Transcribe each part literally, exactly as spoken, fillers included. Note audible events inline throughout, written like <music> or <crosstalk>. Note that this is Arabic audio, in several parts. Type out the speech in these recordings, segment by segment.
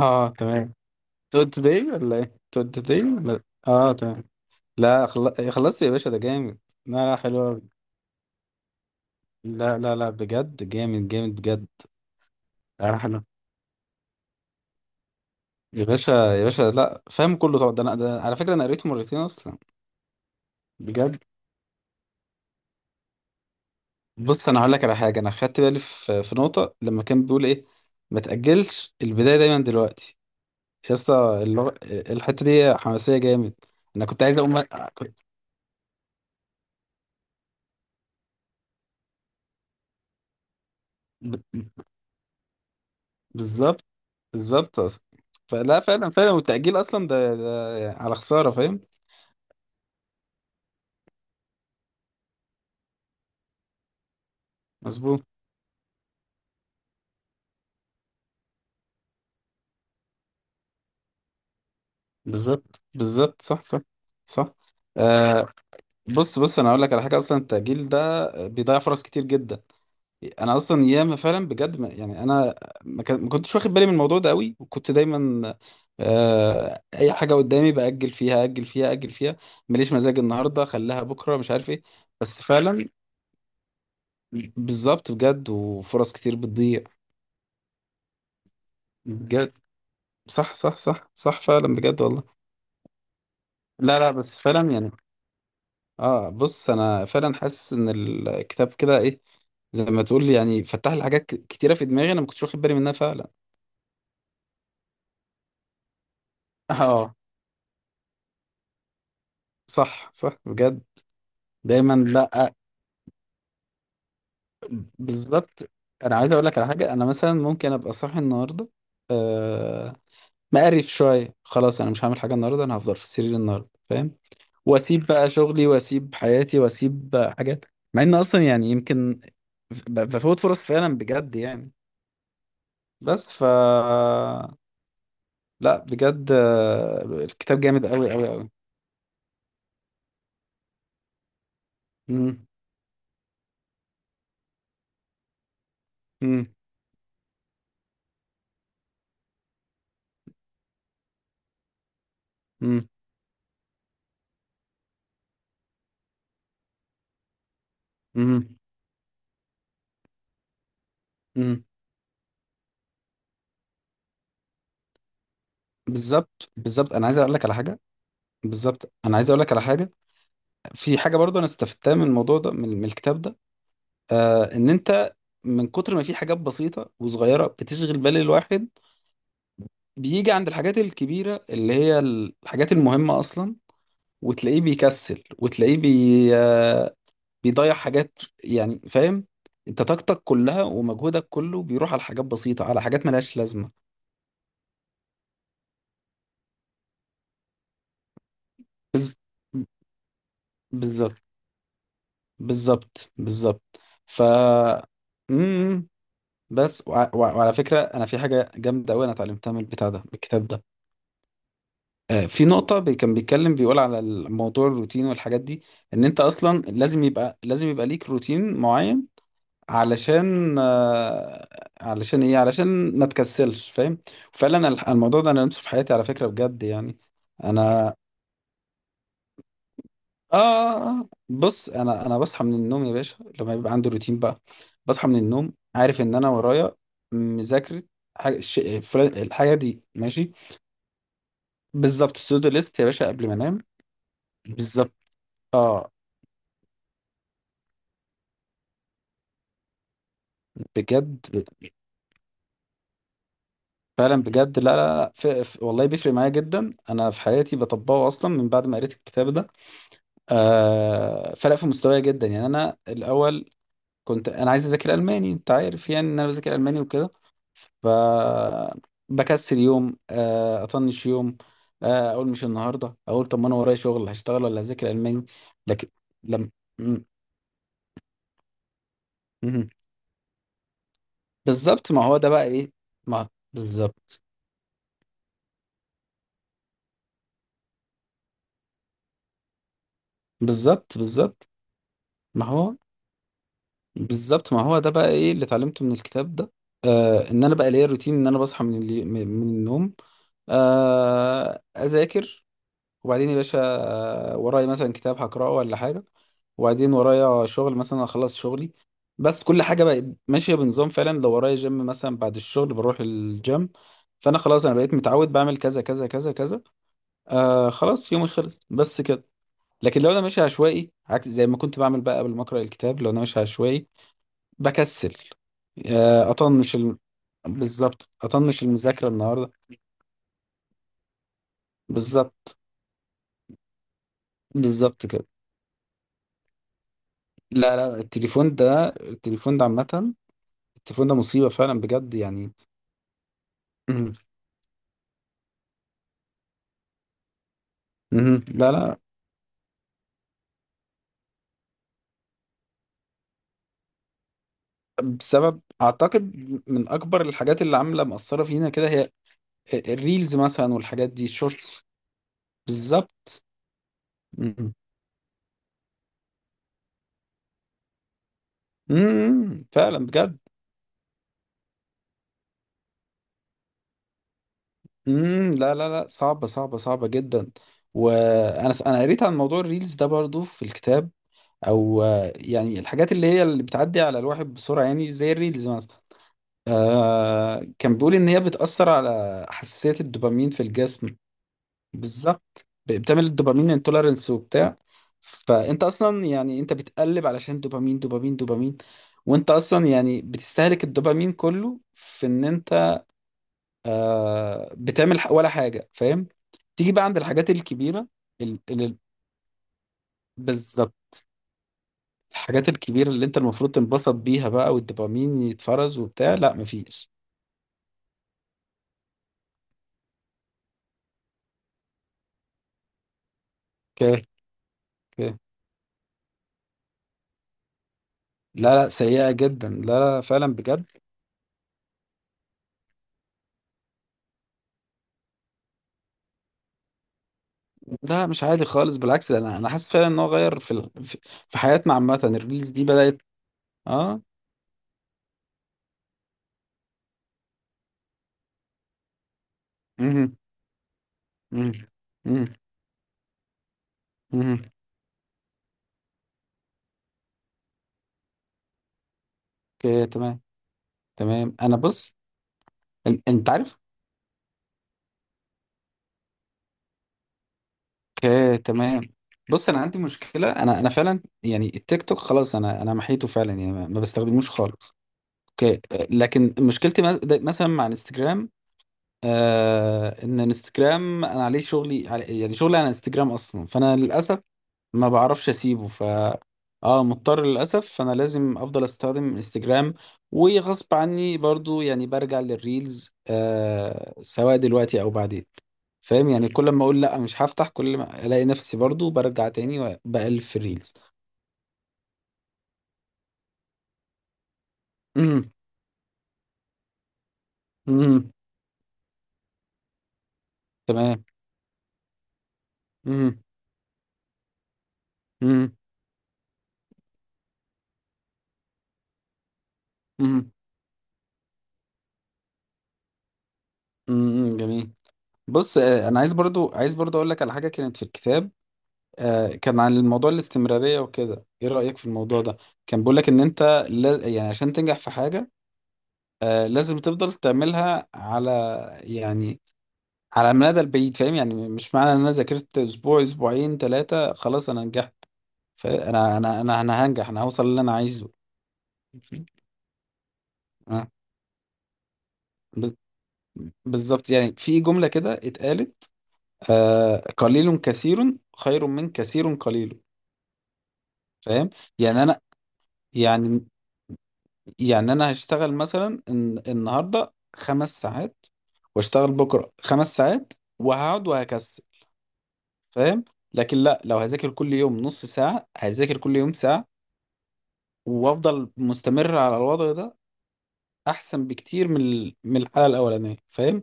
اه، تمام. تود توداي ولا ايه تود توداي ولا اه، تمام. لا، خل... خلصت يا باشا، ده جامد. لا، لا، حلو أوي. لا، لا، لا، بجد جامد جامد بجد. لا، لا، حلو. يا باشا، يا باشا، لا فاهم كله طبعا، ده انا ده على فكره انا قريته مرتين اصلا، بجد. بص، انا هقول لك على حاجه، انا خدت بالي في في نقطه لما كان بيقول ايه، ما تاجلش البدايه، دايما دلوقتي. يا اسطى اللغ... الحته دي حماسيه جامد. انا كنت عايز اقوم أ- ب- بالظبط، بالظبط، أص- فلا فعلا فعلا، والتأجيل أصلا ده, ده على خسارة، فاهم. مظبوط. بالظبط، بالظبط، صح، صح، صح، آه. بص، بص، أنا أقول لك على حاجة، أصلا التأجيل ده بيضيع فرص كتير جدا. أنا أصلا ياما فعلا بجد، ما يعني أنا ما كان- ما كنتش واخد بالي من الموضوع ده قوي، وكنت دايما آه أي حاجة قدامي بأجل فيها، أجل فيها، أجل فيها. ماليش مزاج النهاردة، خليها بكرة، مش عارف إيه. بس فعلا بالظبط، بجد، وفرص كتير بتضيع. بجد صح، صح، صح، صح، فعلا بجد والله. لا، لا، بس فعلا يعني اه بص، انا فعلا حاسس ان الكتاب كده ايه، زي ما تقول، يعني فتح لي حاجات ك- كتيره في دماغي، انا ما كنتش واخد بالي منها فعلا. <laughs> اه، صح، صح، بجد. دايما، لا. بالظبط، انا عايز اقول لك على حاجه، انا مثلا ممكن ابقى صاحي النهارده، آه، مقرف شويه، خلاص انا مش هعمل حاجه النهارده، انا هفضل في السرير النهارده، فاهم. واسيب بقى شغلي، واسيب حياتي، واسيب حاجات، مع ان اصلا يعني يمكن ب- بفوت فرص فعلا، بجد يعني. بس ف لا، بجد، آه، الكتاب جامد قوي قوي قوي. مم، مم، مم، مم، مم. بالظبط، بالظبط، انا عايز اقول لك على حاجه. بالظبط انا عايز اقول لك على حاجه في حاجه برضو انا استفدتها من الموضوع ده، من من الكتاب ده، آه ان انت من كتر ما في حاجات بسيطة وصغيرة بتشغل بال الواحد، بيجي عند الحاجات الكبيرة اللي هي الحاجات المهمة أصلا، وتلاقيه بيكسل، وتلاقيه بي آه بيضيع حاجات، يعني فاهم، انت طاقتك كلها ومجهودك كله بيروح على حاجات بسيطة، على حاجات ملهاش لازمة. بز... بالظبط، بالظبط، بالظبط. ف مم. بس وع وع وعلى فكرة، أنا في حاجة جامدة أوي، أنا اتعلمتها من البتاع ده، من الكتاب ده. آه، في نقطة بي- كان بيتكلم، بيقول على الموضوع الروتين والحاجات دي، ان انت اصلا لازم يبقى لازم يبقى ليك روتين معين، علشان آه، علشان ايه؟ علشان ما تكسلش، فاهم. فعلا الح- الموضوع ده انا لمسه في حياتي على فكرة، بجد يعني. انا اه آه، آه. آه، بص، انا انا بصحى من النوم يا باشا، لما يبقى عندي روتين بقى، بصحى من النوم عارف ان انا ورايا مذاكرة، حاجة الش- فلان- الحاجة دي ماشي. بالظبط، تو دو ليست يا باشا، قبل ما انام. بالظبط اه، بجد. فعلا بجد، لا، لا، لا، ف... ف... والله بيفرق معايا جدا، انا في حياتي بطبقه اصلا من بعد ما قريت الكتاب ده. آه... فرق في مستواي جدا، يعني انا الاول كنت انا عايز اذاكر الماني، انت عارف يعني ان انا بذاكر الماني وكده. ف بكسل يوم، آه... اطنش يوم، آه... اقول مش النهارده، اقول طب ما انا ورايا شغل، هشتغل ولا هذاكر الماني؟ لكن لم م- م- بالظبط، ما هو ده بقى ايه، ما بالظبط، بالظبط، بالظبط ما هو بالظبط، ما هو ده بقى ايه اللي اتعلمته من الكتاب ده. آه ان انا بقى ليا روتين، ان انا بصحى من اللي من من النوم، آه اذاكر، وبعدين يا باشا، آه ورايا مثلا كتاب هقراه ولا حاجه، وبعدين ورايا شغل، مثلا اخلص شغلي. بس كل حاجه بقت ماشيه بنظام فعلا، لو ورايا جيم مثلا بعد الشغل بروح الجيم. فانا خلاص، انا بقيت متعود بعمل كذا كذا كذا كذا، آه خلاص يومي خلص، بس كده. لكن لو انا ماشي عشوائي، عكس زي ما كنت بعمل بقى قبل ما اقرا الكتاب، لو انا ماشي عشوائي بكسل، آه، اطنش الم... بالظبط، اطنش المذاكره النهارده. بالظبط، بالظبط كده. لا، لا، التليفون ده التليفون ده عامه، التليفون ده مصيبه فعلا، بجد يعني. مهم. مهم. لا، لا، بسبب اعتقد من اكبر الحاجات اللي عامله مأثره فينا كده، هي الريلز مثلا والحاجات دي، شورتس. بالظبط مهم. مهم. فعلا بجد. مم. لا، لا، لا، صعبه صعبه صعبه جدا. وانا انا قريت عن موضوع الريلز ده برضو في الكتاب، او آه، يعني الحاجات اللي هي اللي بتعدي على الواحد بسرعه، يعني زي الريلز مثلا. آه كان بيقول ان هي بتاثر على حساسيه الدوبامين في الجسم. بالظبط، ب- بتعمل الدوبامين انتولرنس وبتاع. فانت اصلا يعني انت بتقلب علشان دوبامين دوبامين دوبامين، وانت اصلا يعني بتستهلك الدوبامين كله في ان انت آه بتعمل ح- ولا حاجه، فاهم. تيجي بقى عند الحاجات الكبيره، ال- ال- بالظبط، الحاجات الكبيرة اللي انت المفروض تنبسط بيها بقى والدوبامين يتفرز وبتاع، لا مفيش. اوكي. اوكي. لا، لا، سيئة جدا، لا، لا، فعلا بجد. ده مش عادي خالص، بالعكس ده انا انا حاسس فعلا ان هو غير في ال... في في حياتنا، عامة الريلز دي بدأت. اه. امم. امم. امم. امم. اوكي، تمام. تمام، انا بص ان- انت عارف. اوكي، تمام. بص، انا عندي مشكلة، انا انا فعلا يعني التيك توك خلاص انا انا محيته فعلا، يعني ما ما بستخدموش خالص. اوكي. لكن مشكلتي مس- ده- مثلا مع انستجرام، آه ان انستجرام انا عليه شغلي، علي يعني شغلي على انستجرام اصلا، فانا للاسف ما بعرفش اسيبه. ف اه، مضطر للاسف، فانا لازم افضل استخدم انستجرام، وغصب عني برضو، يعني برجع للريلز آه سواء دلوقتي او بعدين. فاهم يعني، كل ما اقول لا مش هفتح، كل ما الاقي نفسي برضو برجع تاني وبقلب في الريلز. امم. امم. تمام. امم امم. امم، جميل. بص، آه، انا عايز برضو عايز برضو اقول لك على حاجه كانت في الكتاب، آه، كان عن الموضوع الاستمراريه وكده، ايه رايك في الموضوع ده؟ كان بيقول لك ان انت لا، يعني عشان تنجح في حاجه، آه، لازم تفضل تعملها على، يعني على المدى البعيد، فاهم يعني مش معنى ان انا ذاكرت اسبوع، اسبوعين، ثلاثه، خلاص انا نجحت، فانا انا انا انا هنجح، انا هوصل اللي انا عايزه. آه، بز- بالظبط، يعني في جمله كده اتقالت، آه، قليل كثير خير من كثير قليل، فاهم يعني انا، يعني يعني انا هشتغل مثلا الن- النهارده خمس ساعات، واشتغل بكره خمس ساعات، وهقعد وهكسل، فاهم. لكن لا، لو هذاكر كل يوم نص ساعه، هذاكر كل يوم ساعه، وافضل مستمر على الوضع ده، احسن بكتير من ال- من الحاله الاولانيه، فاهم.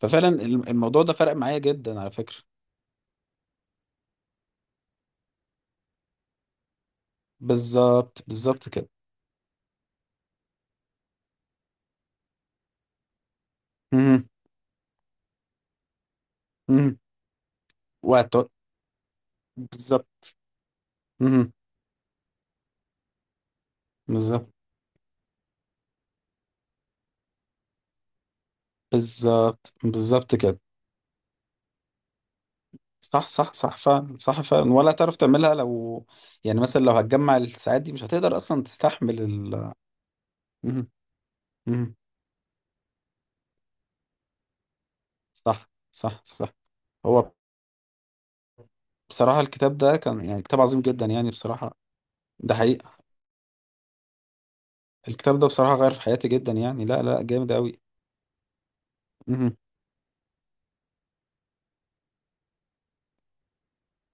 ففعلا الم- الموضوع ده فرق معايا جدا، على فكره. بالظبط، بالظبط كده. مهم. مهم. وهت- بالظبط. مهم. بالظبط، بالظبط، بالظبط كده. صح، صح، صح، فعلا صح فعلا، ولا تعرف تعملها لو، يعني مثلا لو هتجمع الساعات دي مش هتقدر اصلا تستحمل ال مم. مم. صح، صح، صح. هو بصراحة الكتاب ده كان يعني كتاب عظيم جدا، يعني بصراحة ده حقيقة. الكتاب ده بصراحة غير في حياتي جدا، يعني لا، لا، جامد قوي. مم.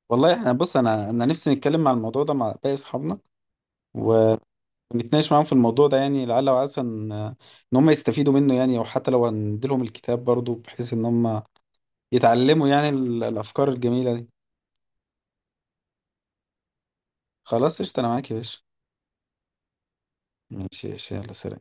والله احنا بص، انا انا نفسي نتكلم مع الموضوع ده مع باقي اصحابنا، ونتناقش معاهم في الموضوع ده، يعني لعل وعسى ان إن هم يستفيدوا منه، يعني او حتى لو هنديلهم الكتاب برضو بحيث ان هم يتعلموا يعني ال- الافكار الجميله دي. خلاص قشطه، انا معاك يا باشا. ماشي، ماشي، يلا، سلام.